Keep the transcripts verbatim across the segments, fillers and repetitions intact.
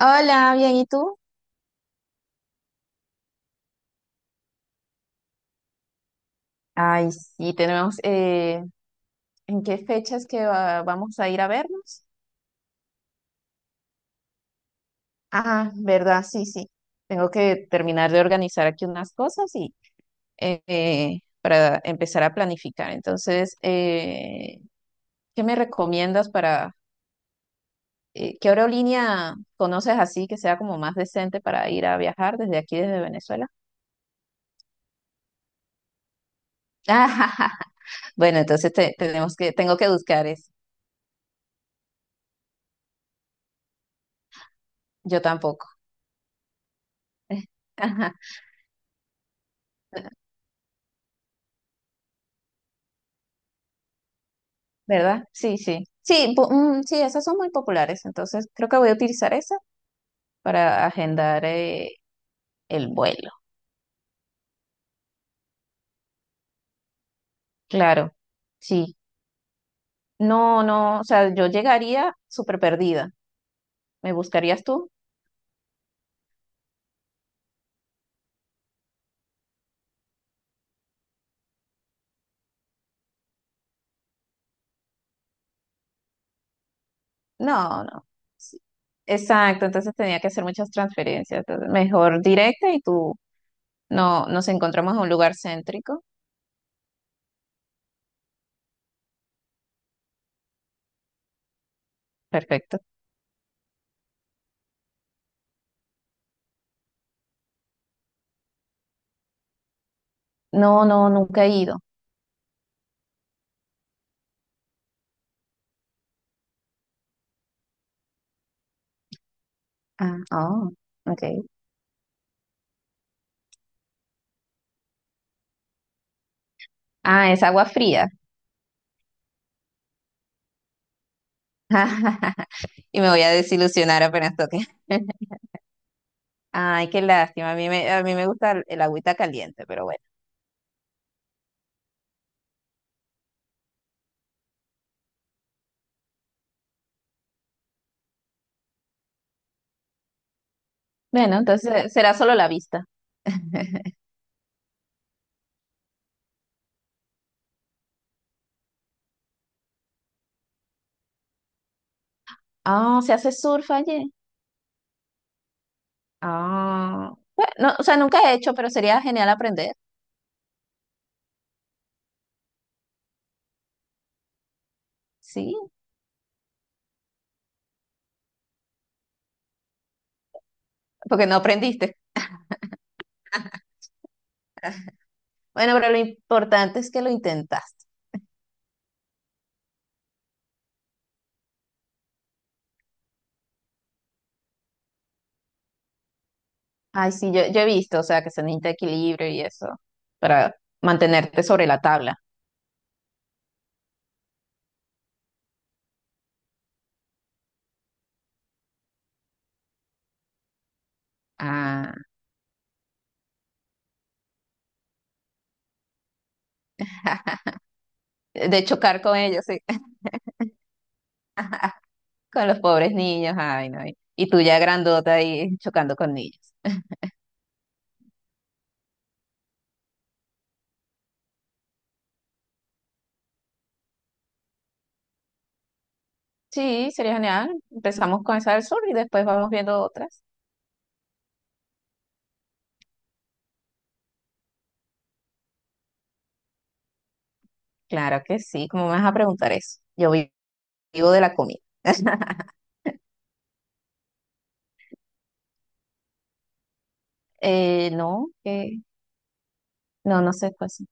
Hola, bien, ¿y tú? Ay, sí, tenemos, eh, ¿en qué fechas que va- vamos a ir a vernos? Ah, verdad, sí, sí. Tengo que terminar de organizar aquí unas cosas y eh, eh, para empezar a planificar. Entonces, eh, ¿qué me recomiendas para, eh, qué aerolínea conoces así que sea como más decente para ir a viajar desde aquí, desde Venezuela? Bueno, entonces te- tenemos que, tengo que buscar eso. Yo tampoco. ¿Verdad? Sí, sí. Sí, bu- mm, sí, esas son muy populares, entonces creo que voy a utilizar esa para agendar eh, el vuelo. Claro, sí. No, no, o sea, yo llegaría súper perdida. ¿Me buscarías tú? No, no. Sí, exacto, entonces tenía que hacer muchas transferencias, entonces mejor directa y tú no nos encontramos en un lugar céntrico. Perfecto. No, no, nunca he ido. Ah, oh, ok. Ah, es agua fría. Y me voy a desilusionar apenas toque. Ay, qué lástima. A mí me, a mí me gusta el, el agüita caliente, pero bueno. Bueno, entonces será solo la vista. Ah, se hace surf allí. Ah, bueno, no, o sea, nunca he hecho, pero sería genial aprender. Sí, porque no aprendiste. Bueno, pero lo importante es que lo intentaste. Ay, sí, yo, yo he visto, o sea, que se necesita equilibrio y eso para mantenerte sobre la tabla. Ah, de chocar con ellos, sí. Con los pobres niños, ay, no. Y y tú ya grandota ahí chocando con niños. Sí, sería genial. Empezamos con esa del sur y después vamos viendo otras. Claro que sí, ¿cómo me vas a preguntar eso? Yo vi- vivo de la comida. Eh, no, que no, no sé cuál es.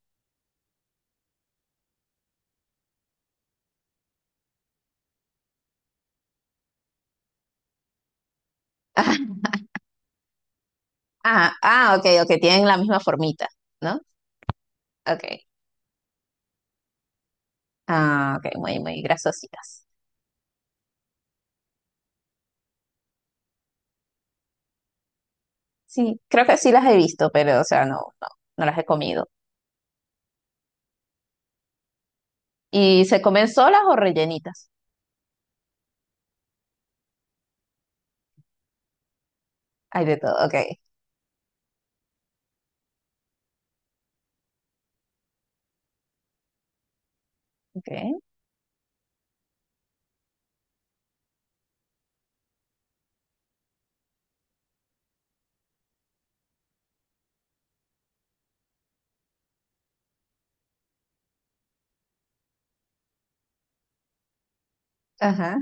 Ah, ah, ok, ok, tienen la misma formita, ¿no? Ok. Ah, ok, muy, muy grasositas. Sí, creo que sí las he visto, pero, o sea, no, no, no las he comido. ¿Y se comen solas o rellenitas? Hay de todo, ok. Ok, ajá,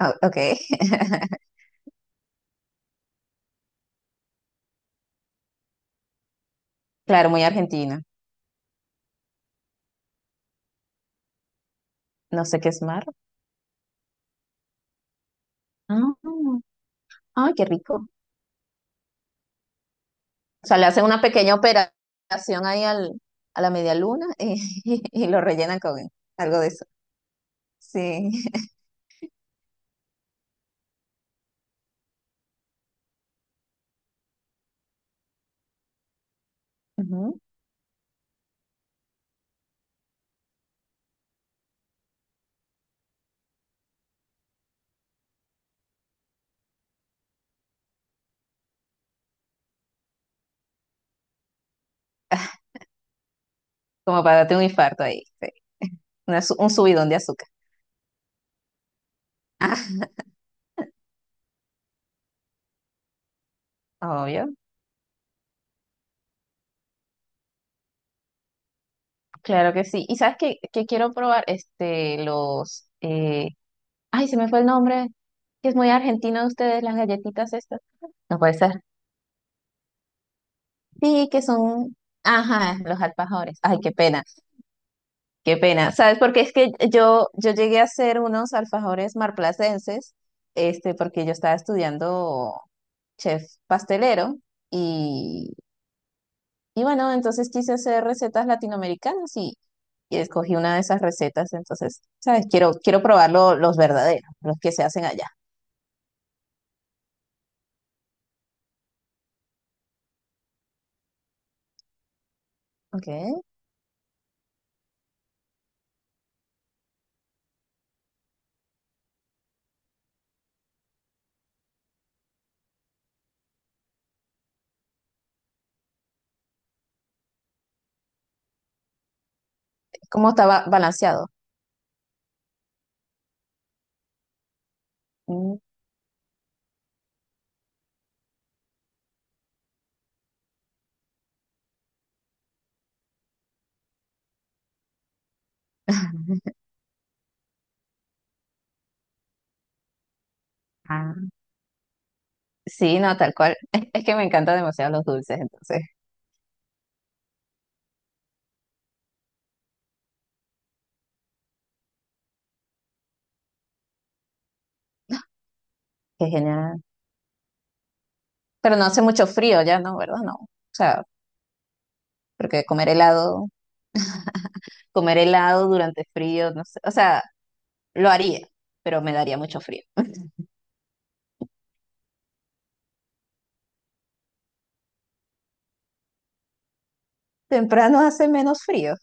ah, ok. Claro, muy argentina. No sé qué es mar. Ay, qué rico. O sea, le hacen una pequeña operación ahí al, a la media luna y, y lo rellenan con algo de eso. Sí. Ujú. Como para darte un infarto ahí, sí. Una su- un subidón de azúcar. Ah, obvio. Claro que sí. ¿Y sabes qué, qué quiero probar? Este, los... eh, ay, se me fue el nombre. Que es muy argentino de ustedes, las galletitas estas. No puede ser. Sí, que son... Ajá, los alfajores. Ay, qué pena. Qué pena, ¿sabes? Porque es que yo, yo llegué a hacer unos alfajores marplacenses, este, porque yo estaba estudiando chef pastelero y, y bueno, entonces quise hacer recetas latinoamericanas y, y escogí una de esas recetas, entonces, ¿sabes? Quiero, quiero probar lo- los verdaderos, los que se hacen allá. Okay. ¿Cómo estaba balanceado? Mm, ah, sí, no, tal cual. Es que me encantan demasiado los dulces, entonces, qué genial. Pero no hace mucho frío ya, ¿no? ¿Verdad? No, o sea, porque comer helado, comer helado durante frío, no sé, o sea, lo haría, pero me daría mucho frío. Temprano hace menos frío.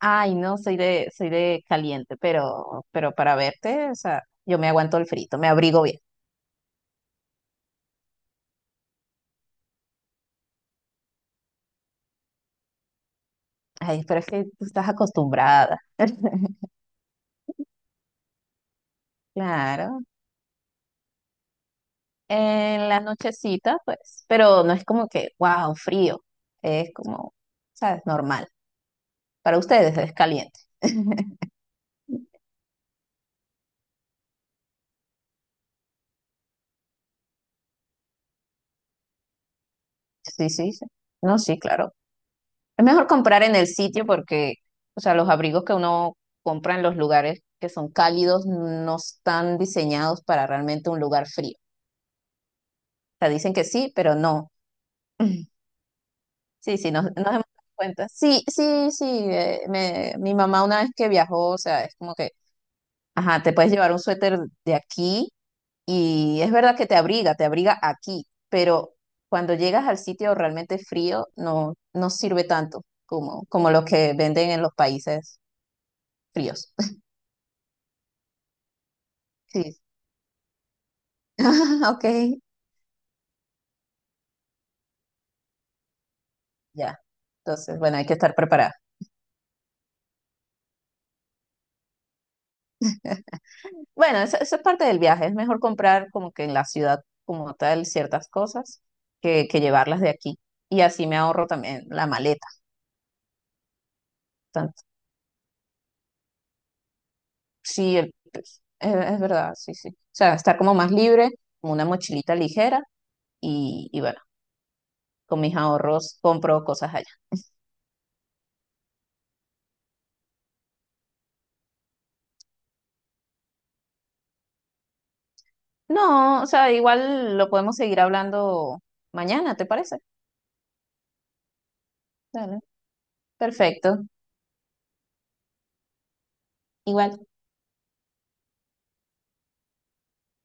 Ay, no, soy de, soy de caliente, pero, pero para verte, o sea, yo me aguanto el frito, me abrigo bien. Ay, pero es que tú estás acostumbrada. Claro. En la nochecita, pues, pero no es como que, wow, frío. Es como, sabes, normal. Para ustedes es caliente. Sí, sí, sí. No, sí, claro. Es mejor comprar en el sitio porque, o sea, los abrigos que uno compra en los lugares que son cálidos no están diseñados para realmente un lugar frío. O sea, dicen que sí, pero no. Sí, sí, nos, nos hemos dado cuenta. Sí, sí, sí. Eh, me- mi mamá una vez que viajó, o sea, es como que, ajá, te puedes llevar un suéter de aquí y es verdad que te abriga, te abriga aquí, pero cuando llegas al sitio realmente frío, no, no sirve tanto como, como los que venden en los países fríos. Sí, ok, ya. Entonces, bueno, hay que estar preparada. Bueno, eso, eso es parte del viaje. Es mejor comprar como que en la ciudad como tal ciertas cosas que, que llevarlas de aquí. Y así me ahorro también la maleta. Tanto- sí, el- pues, es, es verdad, sí, sí. O sea, estar como más libre, como una mochilita ligera y, y bueno, con mis ahorros compro cosas allá. No, o sea, igual lo podemos seguir hablando mañana, ¿te parece? Dale, perfecto. Igual.